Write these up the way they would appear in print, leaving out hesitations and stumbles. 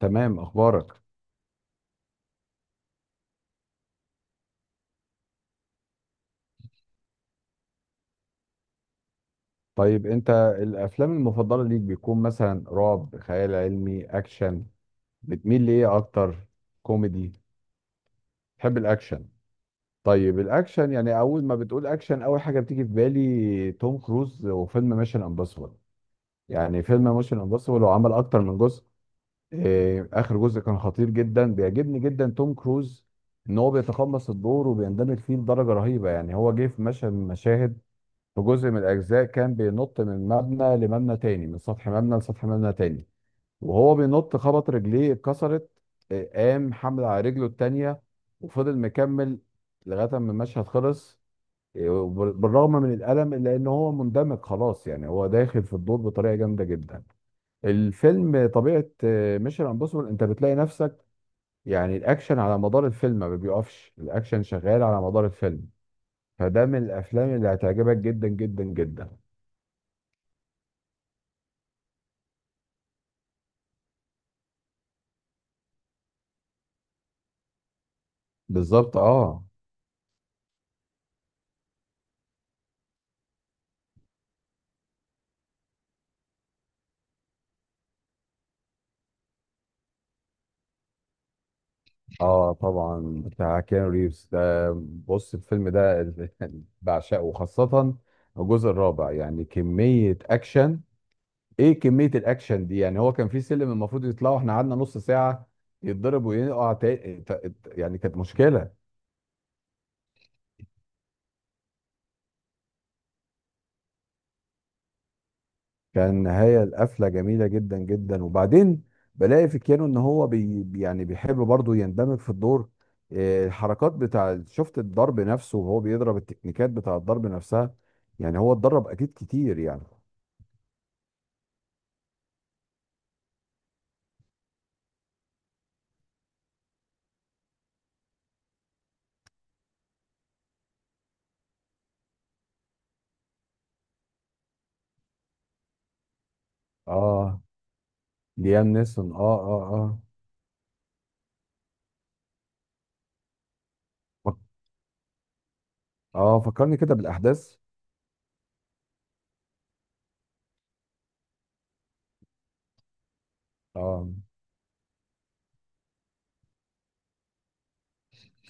تمام، اخبارك؟ طيب انت الافلام المفضله ليك بيكون مثلا رعب، خيال علمي، اكشن، بتميل لايه اكتر؟ كوميدي؟ تحب الاكشن؟ طيب الاكشن يعني اول ما بتقول اكشن اول حاجه بتيجي في بالي توم كروز وفيلم ميشن امبوسيبل. يعني فيلم ميشن امبوسيبل هو عمل اكتر من جزء. إيه اخر جزء كان خطير جدا، بيعجبني جدا توم كروز ان هو بيتقمص الدور وبيندمج فيه بدرجه رهيبه. يعني هو جه في مشهد من المشاهد في جزء من الأجزاء كان بينط من مبنى لمبنى تاني، من سطح مبنى لسطح مبنى تاني، وهو بينط خبط رجليه اتكسرت. آه، قام حمل على رجله التانية وفضل مكمل لغاية ما المشهد خلص. آه، وبال- بالرغم من الألم إلا إن هو مندمج خلاص، يعني هو داخل في الدور بطريقة جامدة جدا. الفيلم طبيعة ميشن امبوسيبل أنت بتلاقي نفسك، يعني الأكشن على مدار الفيلم ما بيقفش، الأكشن شغال على مدار الفيلم. فده من الأفلام اللي هتعجبك جدا جدا جدا. بالظبط، اه. اه طبعا، بتاع كيانو ريفز ده. بص الفيلم ده بعشقه، خاصة الجزء الرابع. يعني كمية اكشن! ايه كمية الاكشن دي! يعني هو كان في سلم المفروض يطلعوا احنا قعدنا نص ساعة يتضرب ويقع يعني كانت مشكلة. كان نهاية القفلة جميلة جدا جدا. وبعدين بلاقي في كيانو ان هو يعني بيحب برضه يندمج في الدور. إيه، الحركات بتاع، شفت الضرب نفسه وهو بيضرب، التكنيكات بتاع الضرب نفسها. يعني هو اتدرب اكيد كتير يعني. اه، ليام نيسون، اه، اه، اه. اه فكرني كده بالاحداث. اه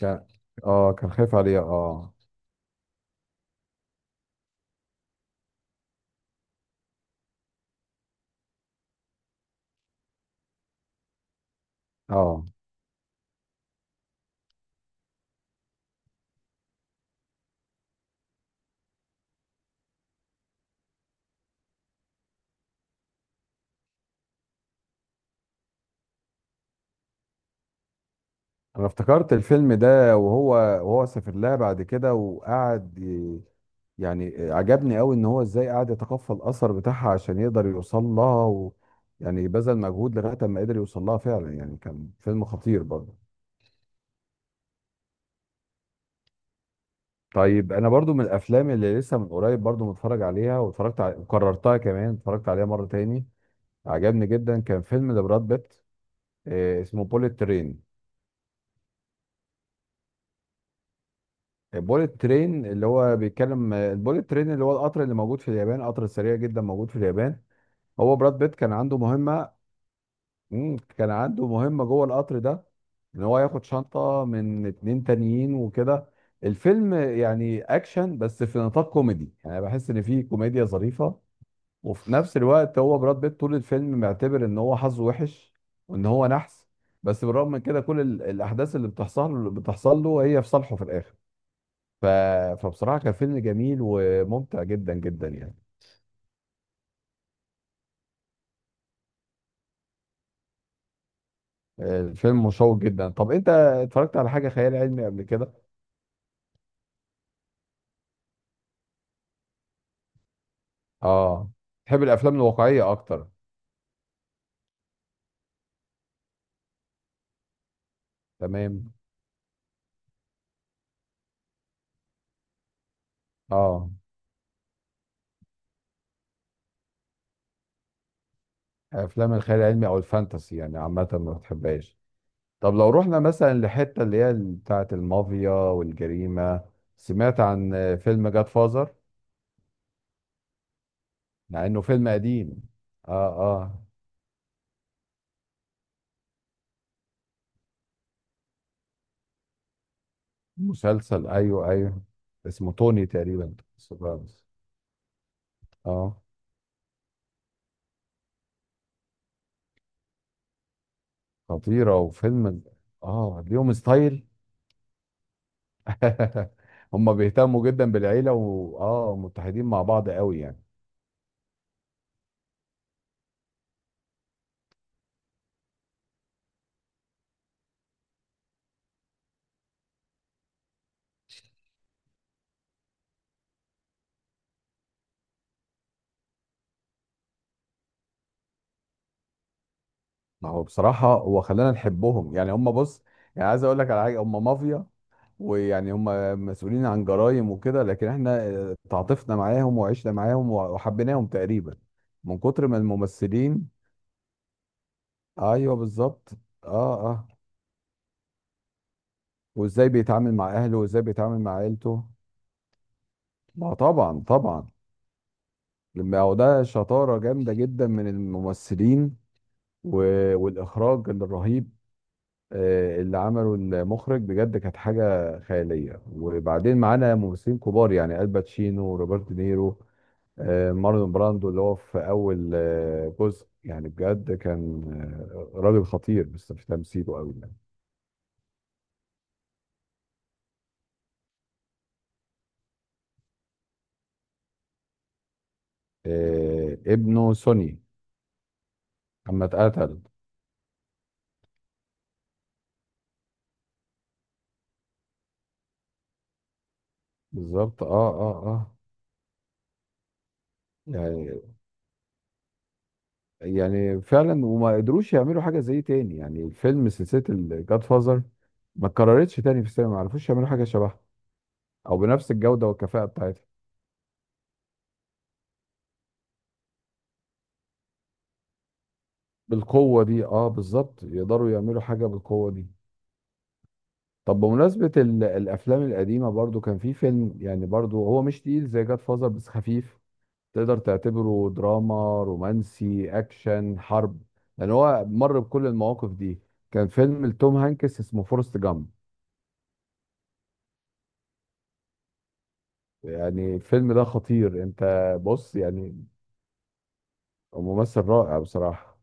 كان. اه كان خايف عليها، اه. اه انا افتكرت الفيلم ده، وهو سافر لها بعد كده وقعد يعني عجبني قوي ان هو ازاي قعد يتقفل الاثر بتاعها عشان يقدر يوصل لها، و يعني بذل مجهود لغايه ما قدر يوصل لها فعلا، يعني كان فيلم خطير برضه. طيب انا برضو من الافلام اللي لسه من قريب برضو متفرج عليها، واتفرجت وكررتها كمان اتفرجت عليها مره تاني. عجبني جدا، كان فيلم لبراد بيت، اسمه بوليت ترين. البوليت ترين اللي هو القطر اللي موجود في اليابان، قطر سريع جدا موجود في اليابان. هو براد بيت كان عنده مهمة. كان عنده مهمة جوه القطر ده، ان هو ياخد شنطة من اتنين تانيين وكده. الفيلم يعني اكشن بس في نطاق كوميدي، يعني بحس ان فيه كوميديا ظريفة. وفي نفس الوقت هو براد بيت طول الفيلم معتبر ان هو حظه وحش وان هو نحس. بس بالرغم من كده كل الاحداث اللي بتحصل بتحصل له هي في صالحه في الاخر. ف... فبصراحة كان فيلم جميل وممتع جدا جدا يعني. الفيلم مشوق جدا. طب انت اتفرجت على حاجة خيال علمي قبل كده؟ اه. تحب الافلام الواقعية اكتر؟ تمام. اه. افلام الخيال العلمي او الفانتسي يعني عامة ما بتحبهاش. طب لو رحنا مثلا لحتة اللي هي بتاعة المافيا والجريمة، سمعت عن فيلم جاد فازر؟ مع انه فيلم قديم. اه، اه. مسلسل، ايوه، ايوه. اسمه توني تقريبا سوبرانوس. اه، خطيرة وفيلم. اه ليهم ستايل. هم بيهتموا جدا بالعيلة و... اه متحدين مع بعض قوي يعني. ما هو بصراحة هو خلانا نحبهم يعني، هم بص. يعني عايز اقول لك على حاجة، هم مافيا ويعني هم مسؤولين عن جرائم وكده، لكن احنا تعاطفنا معاهم وعشنا معاهم وحبيناهم تقريبا من كتر ما الممثلين. ايوه بالظبط، اه، اه. وازاي بيتعامل مع اهله، وازاي بيتعامل مع عيلته. ما طبعا طبعا. لما هو ده شطارة جامدة جدا من الممثلين والإخراج الرهيب اللي عمله المخرج، بجد كانت حاجة خيالية. وبعدين معانا ممثلين كبار يعني الباتشينو وروبرت نيرو، مارلون براندو اللي هو في أول جزء يعني بجد كان راجل خطير بس في تمثيله أوي يعني. ابنه سوني، أما اتقتل. بالظبط، اه، اه، اه. يعني، يعني فعلا. وما قدروش يعملوا حاجه زي تاني، يعني الفيلم سلسله الجاد فازر ما اتكررتش تاني في السينما، ما عرفوش يعملوا حاجه شبهها او بنفس الجوده والكفاءه بتاعتها. بالقوه دي، اه بالظبط، يقدروا يعملوا حاجه بالقوه دي. طب بمناسبه الافلام القديمه، برضو كان في فيلم يعني، برضو هو مش تقيل زي جاد فازر بس خفيف. تقدر تعتبره دراما، رومانسي، اكشن، حرب، لان هو مر بكل المواقف دي. كان فيلم لتوم هانكس اسمه فورست جامب. يعني الفيلم ده خطير، انت. بص يعني، ممثل رائع بصراحة.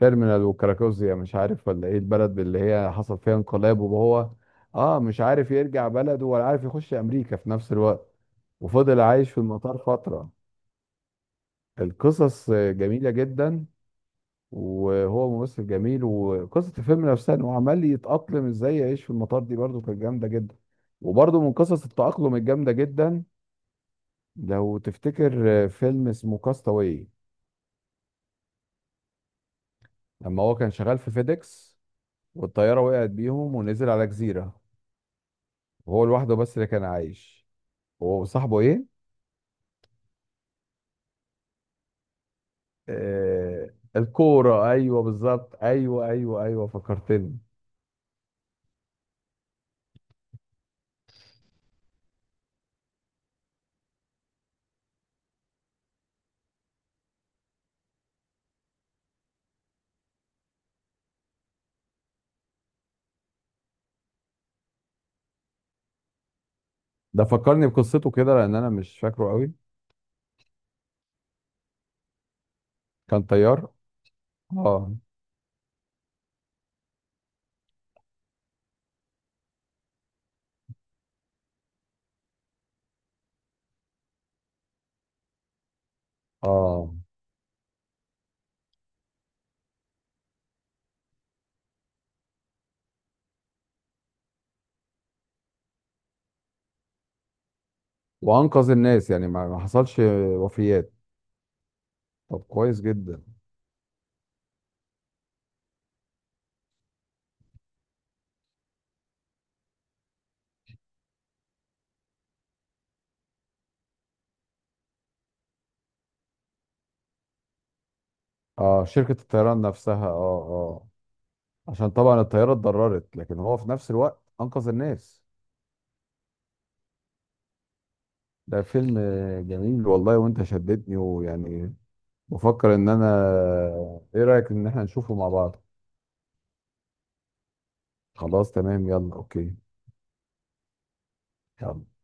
تيرمينال وكراكوزيا، مش عارف ولا ايه البلد اللي هي حصل فيها انقلاب، وهو اه مش عارف يرجع بلده ولا عارف يخش امريكا في نفس الوقت. وفضل عايش في المطار فترة. القصص جميلة جدا. وهو ممثل جميل، وقصة الفيلم نفسها انه عمال يتأقلم ازاي يعيش في المطار دي، برضه كانت جامدة جدا. وبرضه من قصص التأقلم الجامدة جدا. لو تفتكر فيلم اسمه كاستاوي؟ لما هو كان شغال في فيديكس والطيارة وقعت بيهم، ونزل على جزيرة وهو لوحده بس اللي كان عايش. هو وصاحبه ايه؟ آه الكورة، ايوه بالظبط، ايوه ايوه ايوه، فكرتني. ده فكرني بقصته كده لان انا مش فاكره قوي. كان طيار، اه، اه. وانقذ الناس يعني، ما حصلش وفيات. طب كويس جدا. اه شركة الطيران نفسها، اه، اه. عشان طبعا الطيارة اتضررت، لكن هو في نفس الوقت انقذ الناس. ده فيلم جميل والله، وانت شدتني، ويعني بفكر ان انا، ايه رأيك ان احنا نشوفه مع بعض؟ خلاص تمام، يلا اوكي. يلا.